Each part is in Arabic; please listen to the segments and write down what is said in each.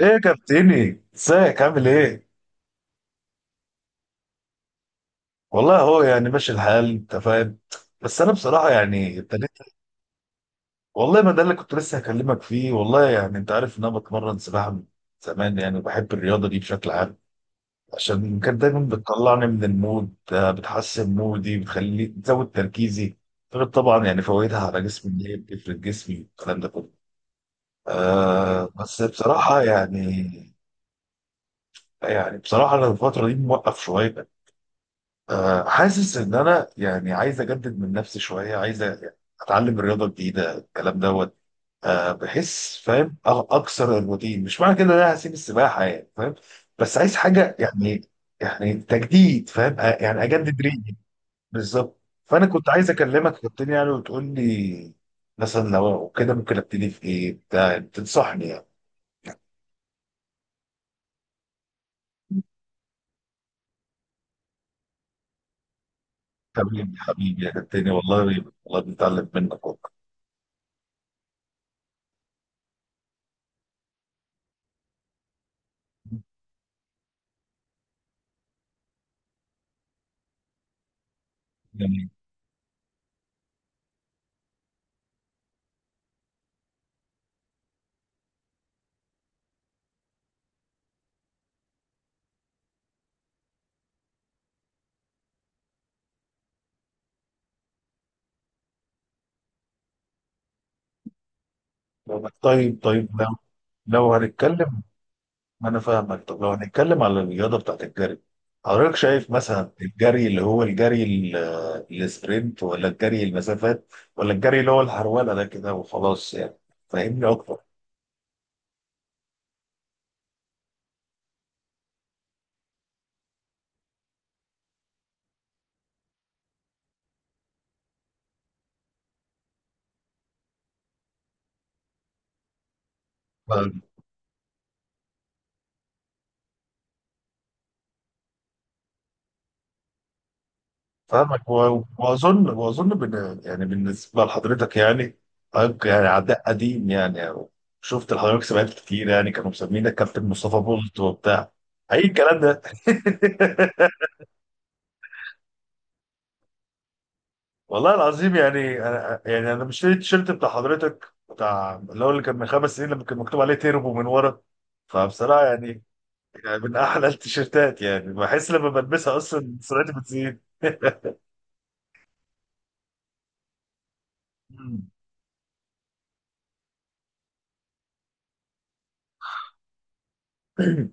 ايه يا كابتني، ازيك؟ عامل ايه؟ والله هو يعني ماشي الحال، انت فاهم. بس انا بصراحه يعني ابتديت. والله ما ده اللي كنت لسه هكلمك فيه. والله يعني انت عارف ان انا بتمرن سباحه من زمان يعني، وبحب الرياضه دي بشكل عام. عشان كانت دايما بتطلعني من المود، بتحسن مودي، بتخليني بتزود تركيزي. غير طبعا يعني فوائدها على جسمي، ان هي بتفرد جسمي والكلام ده كله. بس بصراحه يعني. يعني بصراحه انا الفتره دي موقف شويه. حاسس ان انا يعني عايز اجدد من نفسي شويه، عايز اتعلم رياضه جديده، الكلام دوت. بحس فاهم اكسر الروتين. مش معنى كده ان انا هسيب السباحه، يعني فاهم. بس عايز حاجه يعني، يعني تجديد فاهم يعني اجدد ريقي. بالظبط. فانا كنت عايز اكلمك كابتن، يعني وتقول لي مثلا لو كده ممكن ابتدي في ايه، بتاع تنصحني يعني. تمام يا حبيبي يا كابتن، والله والله بنتعلم منك والله. جميل. طيب، طيب. لو هنتكلم. انا فاهمك. طب لو هنتكلم على الرياضه بتاعت الجري، حضرتك شايف مثلا الجري اللي هو الجري السبرنت، ولا الجري المسافات، ولا الجري اللي هو الهرولة ده كده وخلاص يعني؟ فاهمني اكتر. فاهم- فاهمك واظن بن يعني بالنسبه لحضرتك يعني. حضرتك يعني عداء قديم يعني، أو شفت لحضرتك سباقات كتير يعني، كانوا مسمينك كابتن مصطفى بولت وبتاع، اي الكلام ده والله العظيم يعني. انا مشتري التيشيرت بتاع حضرتك، بتاع اللي هو اللي كان من خمس سنين، لما كان مكتوب عليه تيربو من ورا. فبصراحه يعني، يعني من احلى التيشيرتات، يعني بحس لما بلبسها اصلا سرعتي بتزيد. مم.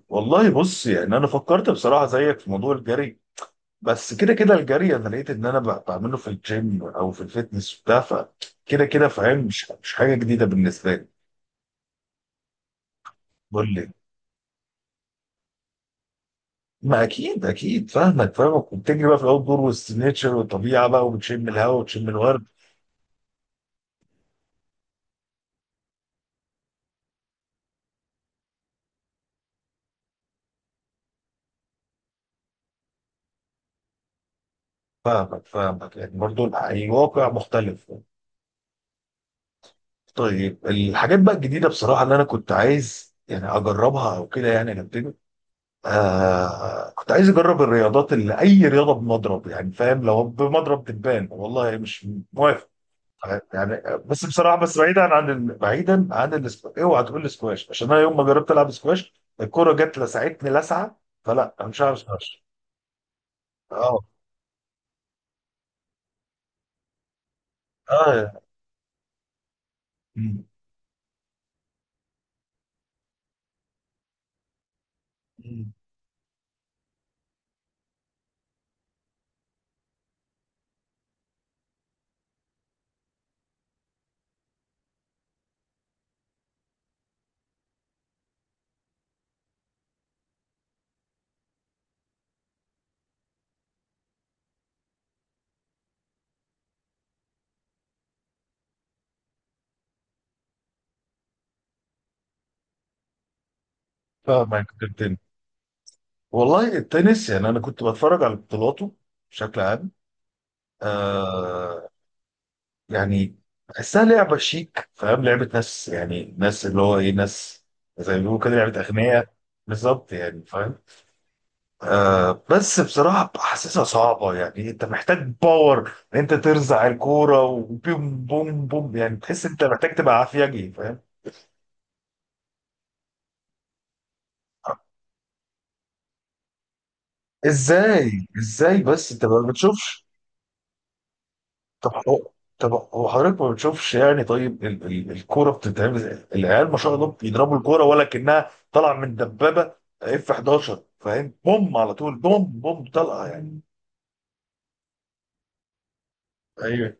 والله بص يعني انا فكرت بصراحه زيك في موضوع الجري. بس كده كده الجري انا لقيت ان انا بعمله في الجيم او في الفيتنس بتاع، فكده كده فاهم مش حاجه جديده بالنسبه لي. قول لي. ما اكيد فاهمك، فاهمك. وبتجري بقى في الاوت دور وسط النيتشر والطبيعه بقى، وبتشم الهواء وبتشم الورد. فاهمك فاهمك، يعني برضو الواقع مختلف. طيب الحاجات بقى الجديده بصراحه اللي انا كنت عايز يعني اجربها او كده يعني نبتدي. آه كنت عايز اجرب الرياضات اللي اي رياضه بمضرب يعني فاهم. لو بمضرب دبان والله مش موافق. طيب، يعني بص بصراحه بس بعيدا عن بعيدا عن الاسكواش. اوعى تقول لي سكواش، عشان انا يوم ما جربت العب سكواش الكوره جت لسعتني لسعه، فلا، انا مش هعرف سكواش. اه، اه. مم. مم. فاهمك التاني. والله التنس يعني انا كنت بتفرج على بطولاته بشكل عام. آه. يعني بحسها لعبه شيك، فاهم لعبه ناس، يعني ناس اللي هو ايه، ناس زي ما بيقولوا كده لعبه اغنياء. بالظبط يعني فاهم. بس بصراحة حاسسها صعبة، يعني انت محتاج باور ان انت ترزع الكورة، وبوم بوم بوم، يعني تحس انت محتاج تبقى عافيجي، فاهم. ازاي، ازاي؟ بس انت ما بتشوفش. طب هو طب هو حضرتك ما بتشوفش يعني؟ طيب ال الكورة بتتعمل ازاي؟ العيال ما شاء الله بيضربوا الكورة ولا كأنها طالعة من دبابة، اف 11 فاهم، بوم على طول، بوم بوم، طلقة يعني. ايوه.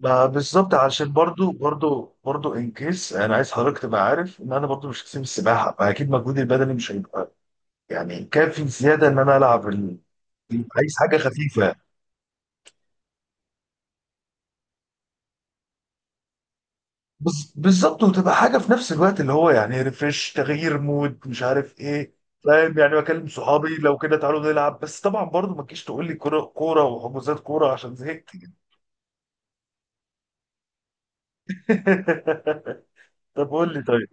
ما بالظبط، علشان برضو ان كيس انا عايز حضرتك تبقى عارف ان انا برضو مش هسيب السباحه، فاكيد مجهودي البدني مش هيبقى يعني كافي زياده ان انا العب عايز حاجه خفيفه. بالظبط، وتبقى حاجه في نفس الوقت اللي هو يعني ريفريش، تغيير مود، مش عارف ايه. فاهم يعني بكلم صحابي لو كده تعالوا نلعب. بس طبعا برضو ما تجيش تقول لي كوره كوره وحجوزات كوره، عشان زهقت. طب قول لي طيب.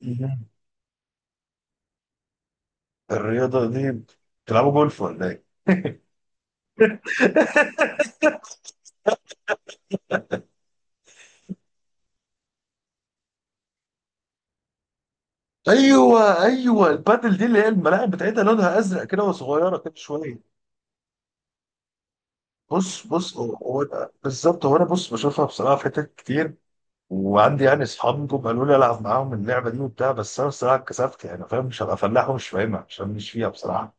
مهم. الرياضه دي بتلعبوا جولف ولا ايه؟ ايوه، ايوه، البادل دي اللي هي الملاعب بتاعتها لونها ازرق كده وصغيره كده شويه. بص، بص، بالظبط. هو انا بص بشوفها بصراحه في حتت كتير، وعندي يعني اصحاب جم قالوا لي العب معاهم اللعبه دي وبتاع، بس انا بصراحه اتكسفت يعني فاهم، مش هبقى فلاح ومش فاهمها عشان مش فيها بصراحه.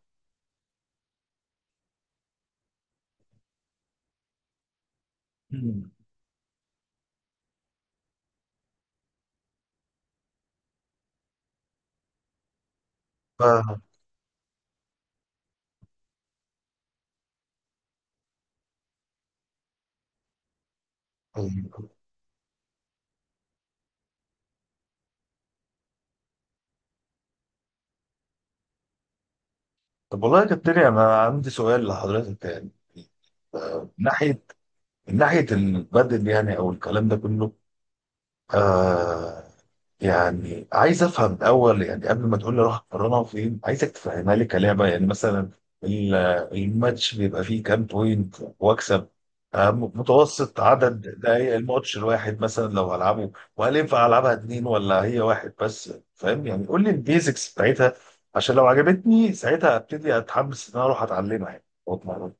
مم. ف... طب والله يا كابتن انا عندي سؤال لحضرتك يعني. من ناحيه، من ناحيه البادل يعني او الكلام ده كله. آه. يعني عايز افهم الاول، يعني قبل ما تقول لي روح اتمرنها فين، عايزك تفهمها لي كلعبه يعني. مثلا ال- الماتش بيبقى فيه كام بوينت واكسب؟ متوسط عدد دقايق الماتش الواحد مثلا لو هلعبه، وهل ينفع العبها اتنين ولا هي واحد بس، فاهم يعني؟ قول لي البيزكس بتاعتها، عشان لو عجبتني ساعتها ابتدي اتحمس ان انا اروح اتعلمها يعني واتمرن.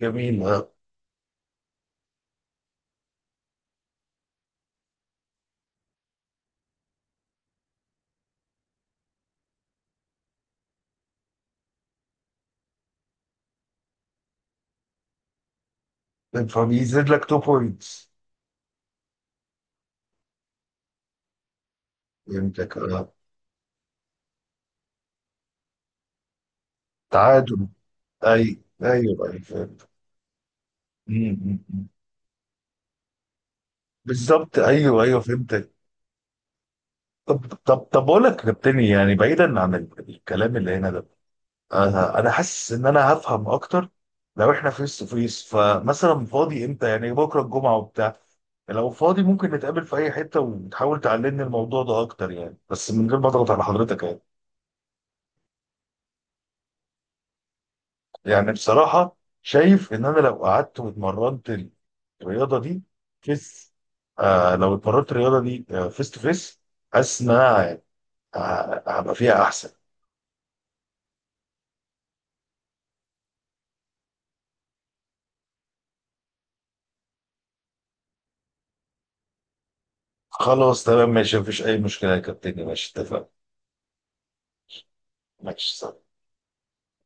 جميل. آه، فبيزيد لك 2 بوينتس. فهمتك، آه. تعادل. اي ايوه، ايوه، فهمت. مم، مم، مم. بالظبط، ايوه، ايوه، فهمتك. طب اقول لك يا كابتن، يعني بعيدا عن الكلام اللي هنا ده، انا حاسس ان انا هفهم اكتر لو احنا فيس تو فيس. فمثلا فاضي امتى؟ يعني بكره الجمعه وبتاع، لو فاضي ممكن نتقابل في اي حته وتحاول تعلمني الموضوع ده اكتر يعني، بس من غير ما اضغط على حضرتك يعني. يعني بصراحة شايف إن أنا لو قعدت واتمرنت الرياضة دي فيس، آه لو اتمرنت الرياضة دي فيس تو فيس، حاسس إن أنا هبقى فيها أحسن. خلاص، تمام، ماشي، مفيش أي مشكلة يا كابتن، ماشي، اتفقنا. ماشي.